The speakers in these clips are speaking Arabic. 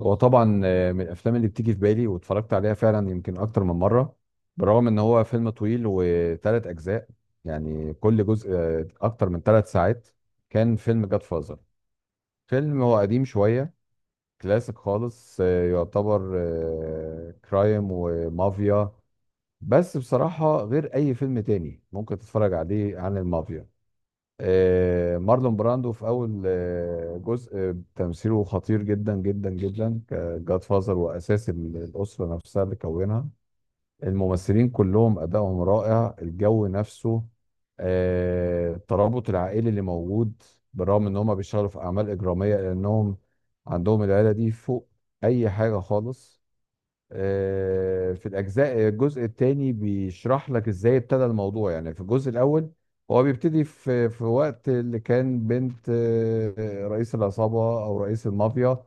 هو طبعا من الافلام اللي بتيجي في بالي واتفرجت عليها فعلا يمكن اكتر من مره. بالرغم ان هو فيلم طويل وثلاث اجزاء، يعني كل جزء اكتر من 3 ساعات. كان فيلم جاد فازر، فيلم هو قديم شويه، كلاسيك خالص، يعتبر كرايم ومافيا. بس بصراحه غير اي فيلم تاني ممكن تتفرج عليه عن المافيا. مارلون براندو في اول جزء، تمثيله خطير جدا جدا جدا كجاد فازر، واساس الاسره نفسها اللي كونها. الممثلين كلهم ادائهم رائع، الجو نفسه، الترابط العائلي اللي موجود بالرغم ان هم بيشتغلوا في اعمال اجراميه، لانهم عندهم العيله دي فوق اي حاجه خالص. في الجزء الثاني بيشرح لك ازاي ابتدى الموضوع. يعني في الجزء الاول هو بيبتدي في وقت اللي كان بنت رئيس العصابة او رئيس المافيا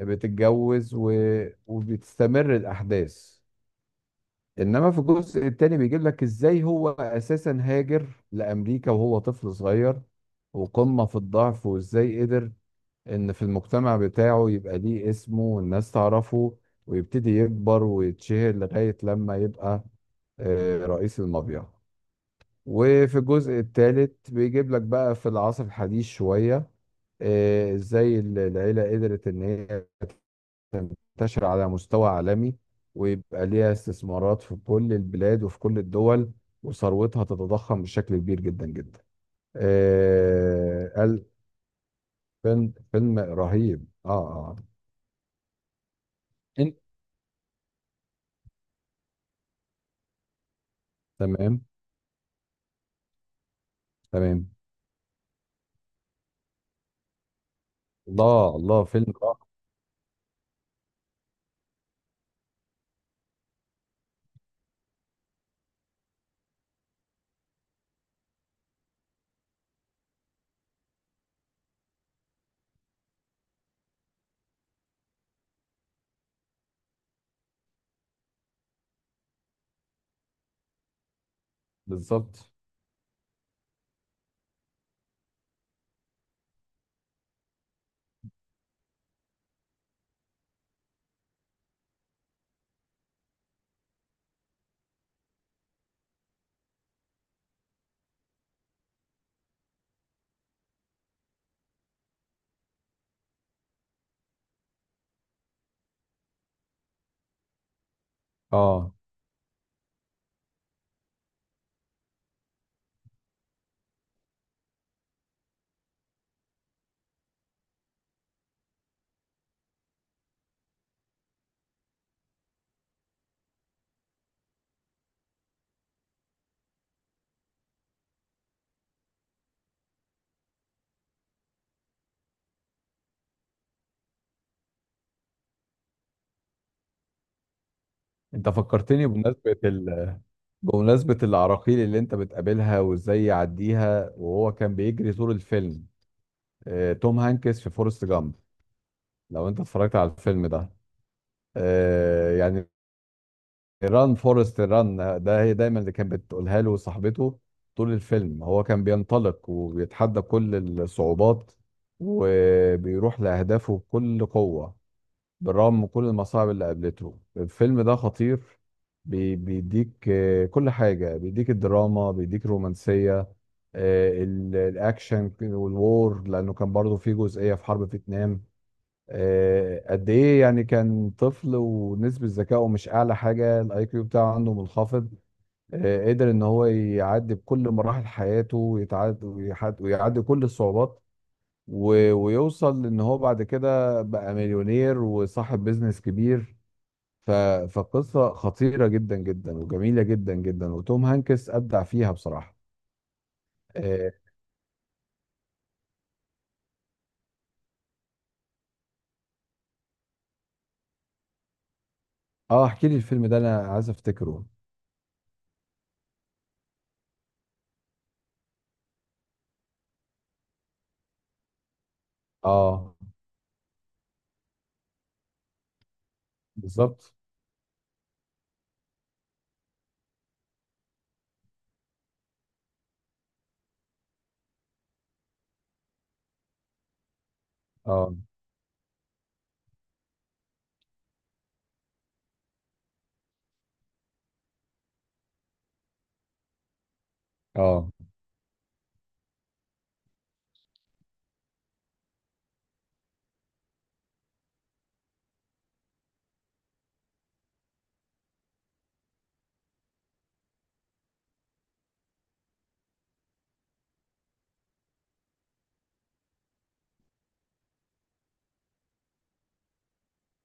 بتتجوز، وبتستمر الاحداث. انما في الجزء الثاني بيجيب لك ازاي هو اساسا هاجر لامريكا وهو طفل صغير وقمة في الضعف، وازاي قدر ان في المجتمع بتاعه يبقى ليه اسمه والناس تعرفه، ويبتدي يكبر ويتشهر لغاية لما يبقى رئيس المافيا. وفي الجزء الثالث بيجيب لك بقى في العصر الحديث شوية ازاي العيلة قدرت ان هي تنتشر على مستوى عالمي، ويبقى ليها استثمارات في كل البلاد وفي كل الدول، وثروتها تتضخم بشكل كبير جدا جدا. آه، قال- فيلم رهيب. اه. اه. تمام. تمام. الله الله، فيلم رائع. بالظبط. اه. انت فكرتني بمناسبة العراقيل اللي انت بتقابلها وازاي يعديها، وهو كان بيجري طول الفيلم. توم هانكس في فورست جامب. لو انت اتفرجت على الفيلم ده، يعني ران فورست ران، ده هي دايما اللي كانت بتقولها له صاحبته. طول الفيلم هو كان بينطلق وبيتحدى كل الصعوبات، وبيروح لأهدافه بكل قوة بالرغم من كل المصاعب اللي قابلته. الفيلم ده خطير، بيديك كل حاجة، بيديك الدراما، بيديك الرومانسية، الأكشن والوور لأنه كان برضه فيه جزئية في حرب فيتنام. قد إيه يعني، كان طفل ونسبة ذكائه مش أعلى حاجة، الأي كيو بتاعه عنده منخفض. قدر إن هو يعدي بكل مراحل حياته، ويعدي كل الصعوبات، ويوصل إن هو بعد كده بقى مليونير وصاحب بيزنس كبير. ف... فقصة خطيرة جدا جدا وجميلة جدا جدا، وتوم هانكس أبدع فيها بصراحة. اه. احكي لي الفيلم ده، انا عايز افتكره. اه. بالظبط. اه. اه.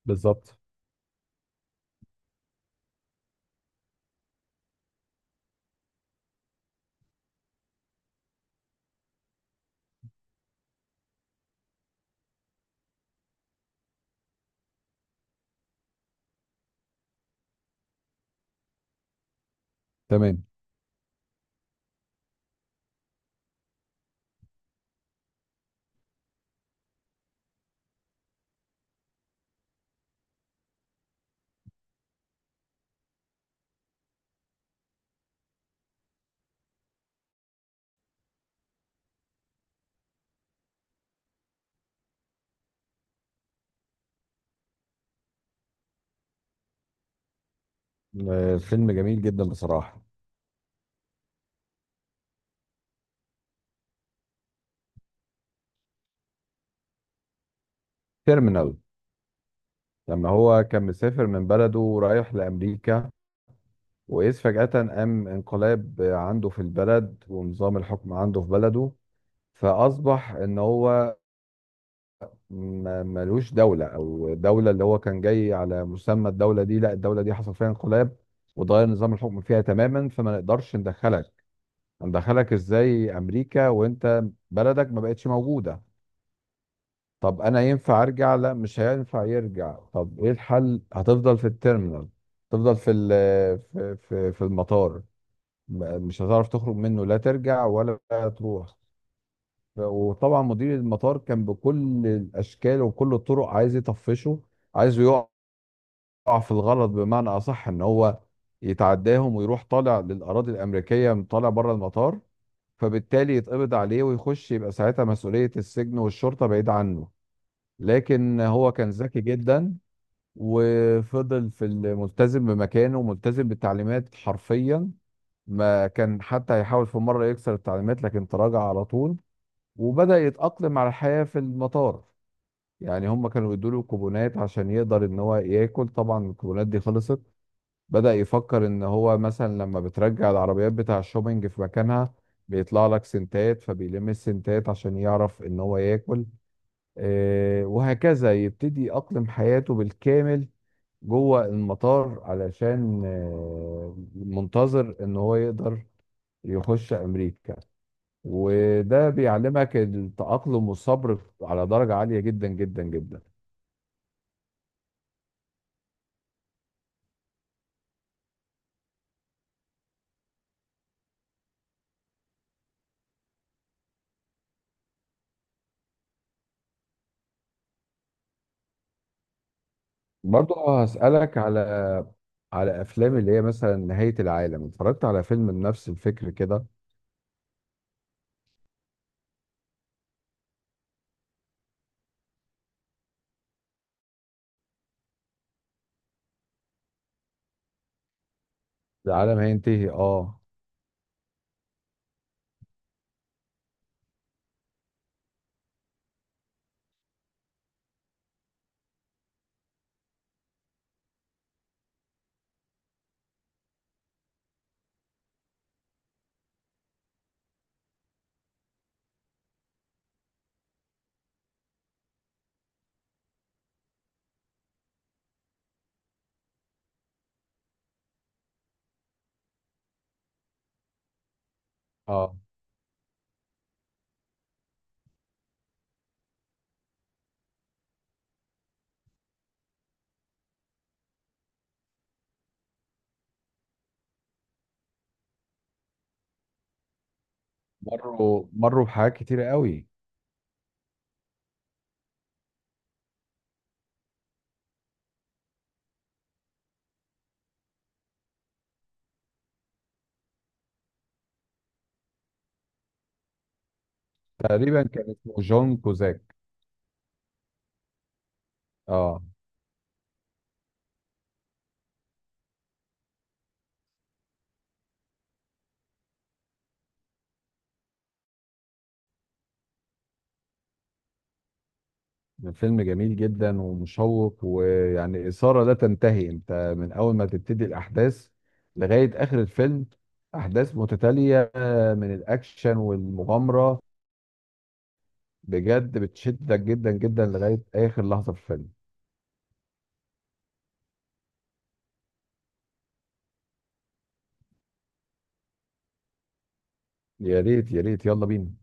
بالظبط. تمام. فيلم جميل جدا بصراحة. تيرمينال. لما هو كان مسافر من بلده ورايح لأمريكا، وإذ فجأة قام انقلاب عنده في البلد ونظام الحكم عنده في بلده، فأصبح إن هو ملوش دولة. أو دولة اللي هو كان جاي على مسمى الدولة دي، لا الدولة دي حصل فيها انقلاب وتغير نظام الحكم فيها تماما، فما نقدرش ندخلك. ندخلك ازاي أمريكا وأنت بلدك ما بقتش موجودة؟ طب أنا ينفع أرجع؟ لا مش هينفع يرجع. طب إيه الحل؟ هتفضل في التيرمينال، تفضل في في المطار، مش هتعرف تخرج منه، لا ترجع ولا تروح. وطبعا مدير المطار كان بكل الاشكال وكل الطرق عايز يطفشه، عايزه يقع في الغلط بمعنى اصح، ان هو يتعداهم ويروح طالع للاراضي الامريكيه، طالع بره المطار، فبالتالي يتقبض عليه ويخش، يبقى ساعتها مسؤوليه السجن والشرطه بعيد عنه. لكن هو كان ذكي جدا، وفضل في الملتزم بمكانه وملتزم بالتعليمات حرفيا. ما كان حتى يحاول في مره يكسر التعليمات، لكن تراجع على طول، وبدأ يتأقلم على الحياة في المطار. يعني هم كانوا يدوا له كوبونات عشان يقدر ان هو ياكل. طبعا الكوبونات دي خلصت، بدأ يفكر ان هو مثلا لما بترجع العربيات بتاع الشوبينج في مكانها بيطلع لك سنتات، فبيلم السنتات عشان يعرف ان هو ياكل. وهكذا يبتدي يأقلم حياته بالكامل جوه المطار، علشان منتظر ان هو يقدر يخش امريكا. وده بيعلمك التأقلم والصبر على درجة عالية جدا جدا جدا. برضه هسألك على أفلام اللي هي مثلا نهاية العالم. اتفرجت على فيلم بنفس الفكر كده؟ العالم هينتهي، اه. اه، مروا بحاجات كتيرة قوي. تقريبا كان اسمه جون كوزاك. اه، فيلم جميل جدا ومشوق، ويعني إثارة لا تنتهي. انت من اول ما تبتدي الاحداث لغاية اخر الفيلم، احداث متتالية من الاكشن والمغامرة، بجد بتشدك جدا جدا لغاية اخر لحظة في الفيلم. يا ريت يا ريت، يلا بينا.